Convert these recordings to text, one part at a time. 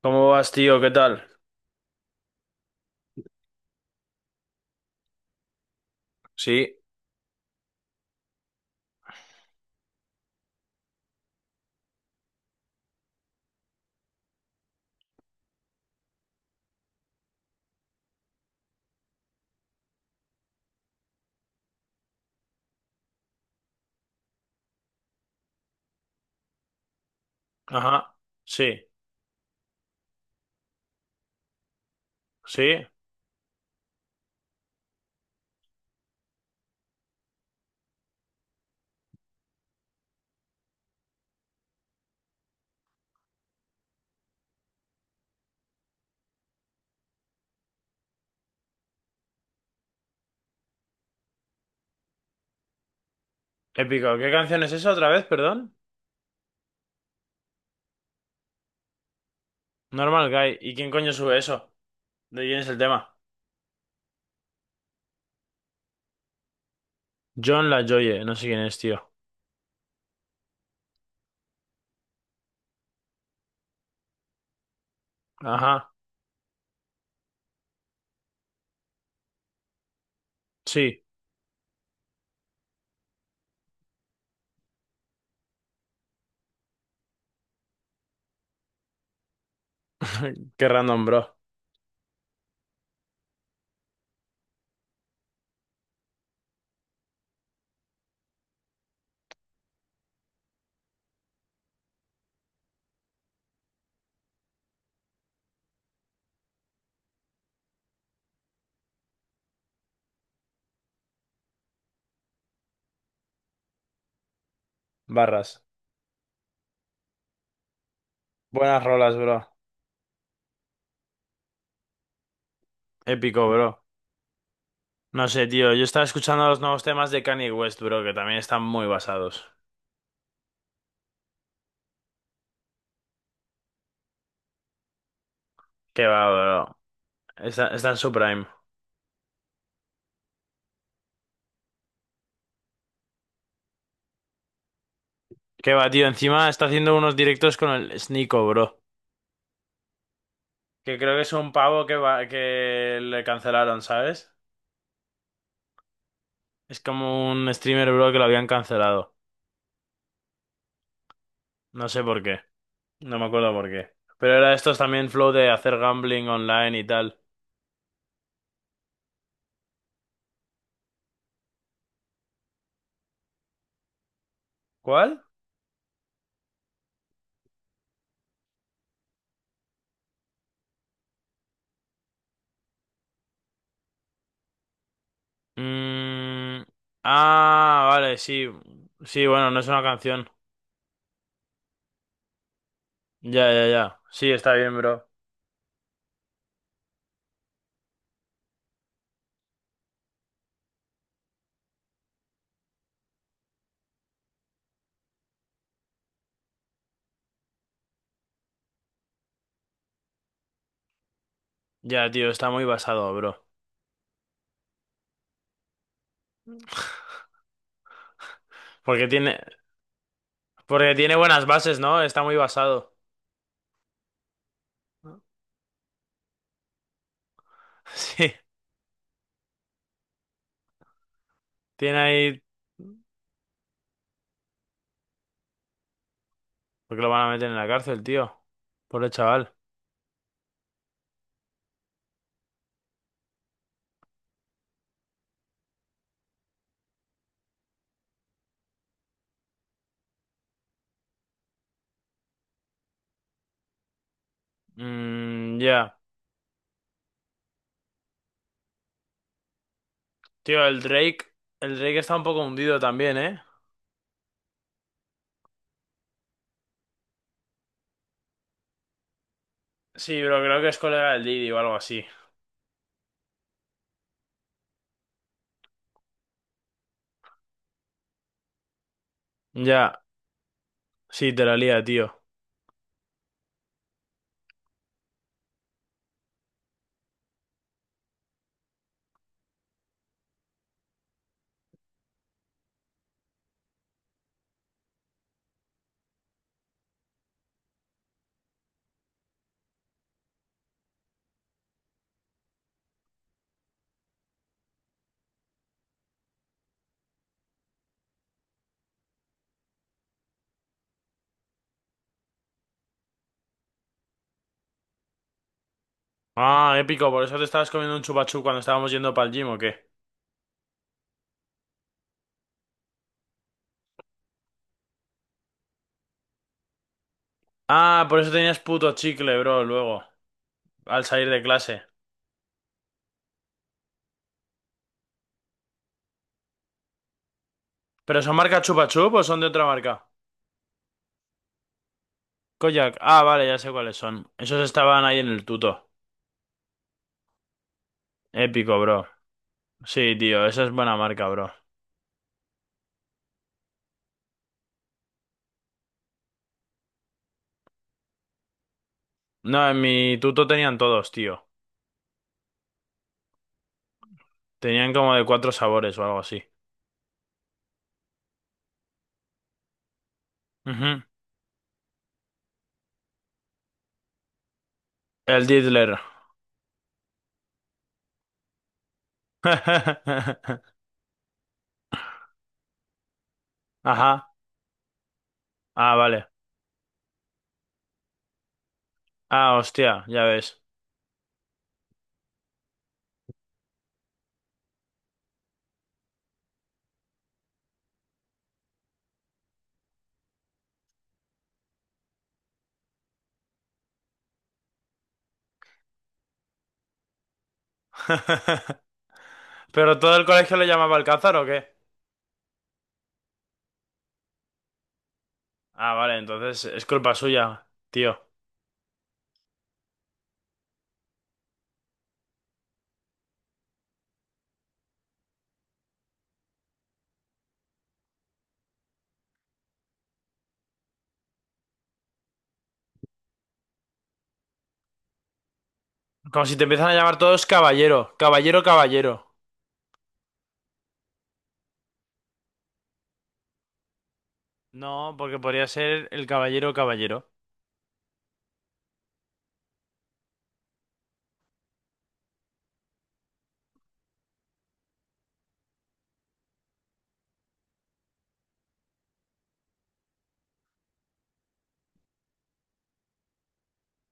¿Cómo vas, tío? ¿Qué tal? Sí, ajá, sí, sí, épico. ¿Qué canción es esa otra vez, perdón? Normal Guy. ¿Y quién coño sube eso? ¿De quién es el tema? John LaJoie, no sé quién es, tío. Ajá, sí. Qué random, bro. Barras. Buenas rolas, bro. Épico, bro. No sé, tío. Yo estaba escuchando los nuevos temas de Kanye West, bro, que también están muy basados. Qué va, bro. Está en su prime. Qué va, tío. Encima está haciendo unos directos con el Sneeko, bro. Que creo que es un pavo que, va, que le cancelaron, ¿sabes? Es como un streamer, bro, que lo habían cancelado. No sé por qué. No me acuerdo por qué. Pero era estos también flow de hacer gambling online y tal. ¿Cuál? Mm, ah, vale, sí. Sí, bueno, no es una canción. Ya, ya, ya. Sí, está bien, bro. Ya, tío, está muy basado, bro. Porque tiene, porque tiene buenas bases, ¿no? Está muy basado. Sí, tiene ahí... Porque lo van a meter en la cárcel, tío. Pobre chaval. Mm, ya. Tío, el Drake. El Drake está un poco hundido también, ¿eh? Sí, pero creo que es colega del Didi o algo así. Ya. Sí, te la lía, tío. Ah, épico. Por eso te estabas comiendo un chupachú cuando estábamos yendo para el gym, ¿o qué? Ah, por eso tenías puto chicle, bro, luego. Al salir de clase. ¿Pero son marca chupachup o son de otra marca? Kojak. Ah, vale, ya sé cuáles son. Esos estaban ahí en el tuto. Épico, bro. Sí, tío, esa es buena marca, bro. No, en mi tuto tenían todos, tío. Tenían como de cuatro sabores o algo así. Ujú. El Diddler. Ajá. Ah, vale. Ah, hostia, ya ves. ¿Pero todo el colegio le llamaba Alcázar o qué? Ah, vale, entonces es culpa suya, tío. Como si te empiezan a llamar todos caballero, caballero, caballero. No, porque podría ser el caballero, caballero.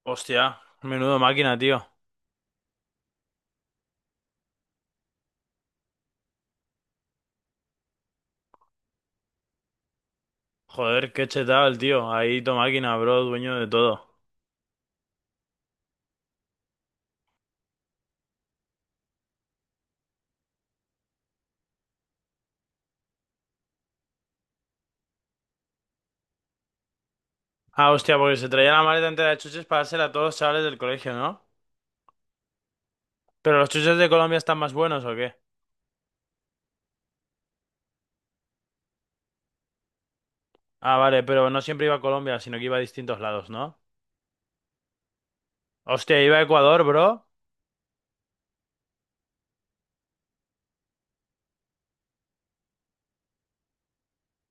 Hostia, menudo máquina, tío. Joder, qué chetado el tío. Ahí tu máquina, bro, dueño de todo. Ah, hostia, porque se traía la maleta entera de chuches para hacer a todos los chavales del colegio, ¿no? ¿Pero los chuches de Colombia están más buenos o qué? Ah, vale, pero no siempre iba a Colombia, sino que iba a distintos lados, ¿no? Hostia, iba a Ecuador, bro.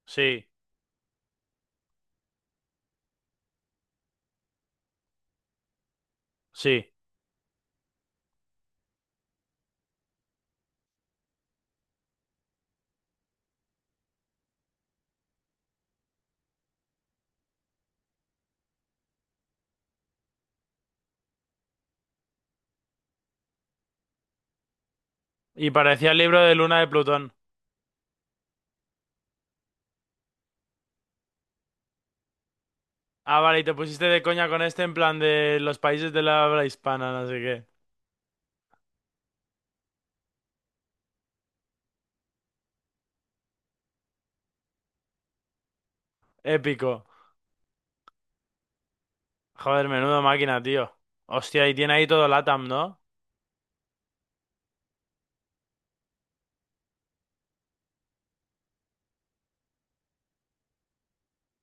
Sí, sí. Y parecía el libro de Luna de Plutón. Ah, vale, y te pusiste de coña con este en plan de los países de la habla hispana, no sé qué. Épico. Joder, menudo máquina, tío. Hostia, y tiene ahí todo LATAM, ¿no?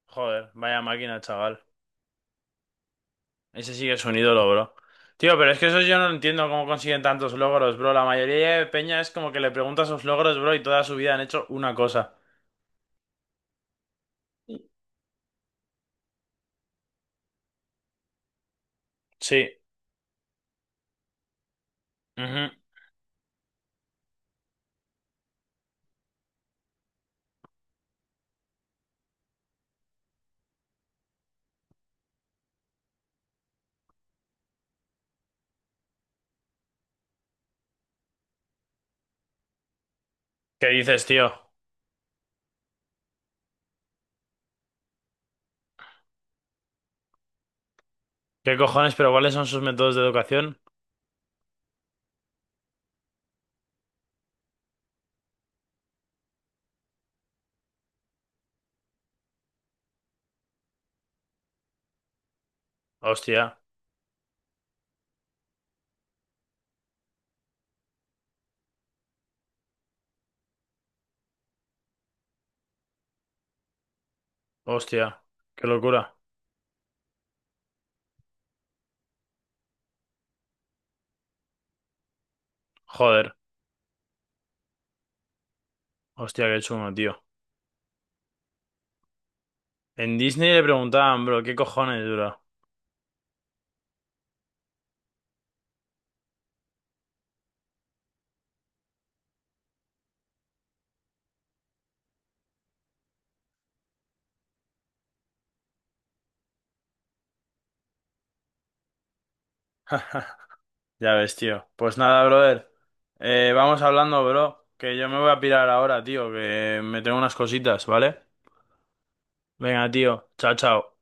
Joder, vaya máquina, chaval. Ese sí que es un ídolo, bro. Tío, pero es que eso yo no entiendo cómo consiguen tantos logros, bro. La mayoría de peña es como que le preguntas sus logros, bro, y toda su vida han hecho una cosa. Sí. Ujú. ¿Qué dices, tío? ¿Qué cojones? ¿Pero cuáles son sus métodos de educación? Hostia, hostia. Qué locura. Joder. Hostia, qué chungo, tío. En Disney le preguntaban, bro, ¿qué cojones, bro? Ya ves, tío. Pues nada, brother. Vamos hablando, bro. Que yo me voy a pirar ahora, tío. Que me tengo unas cositas, ¿vale? Venga, tío. Chao, chao.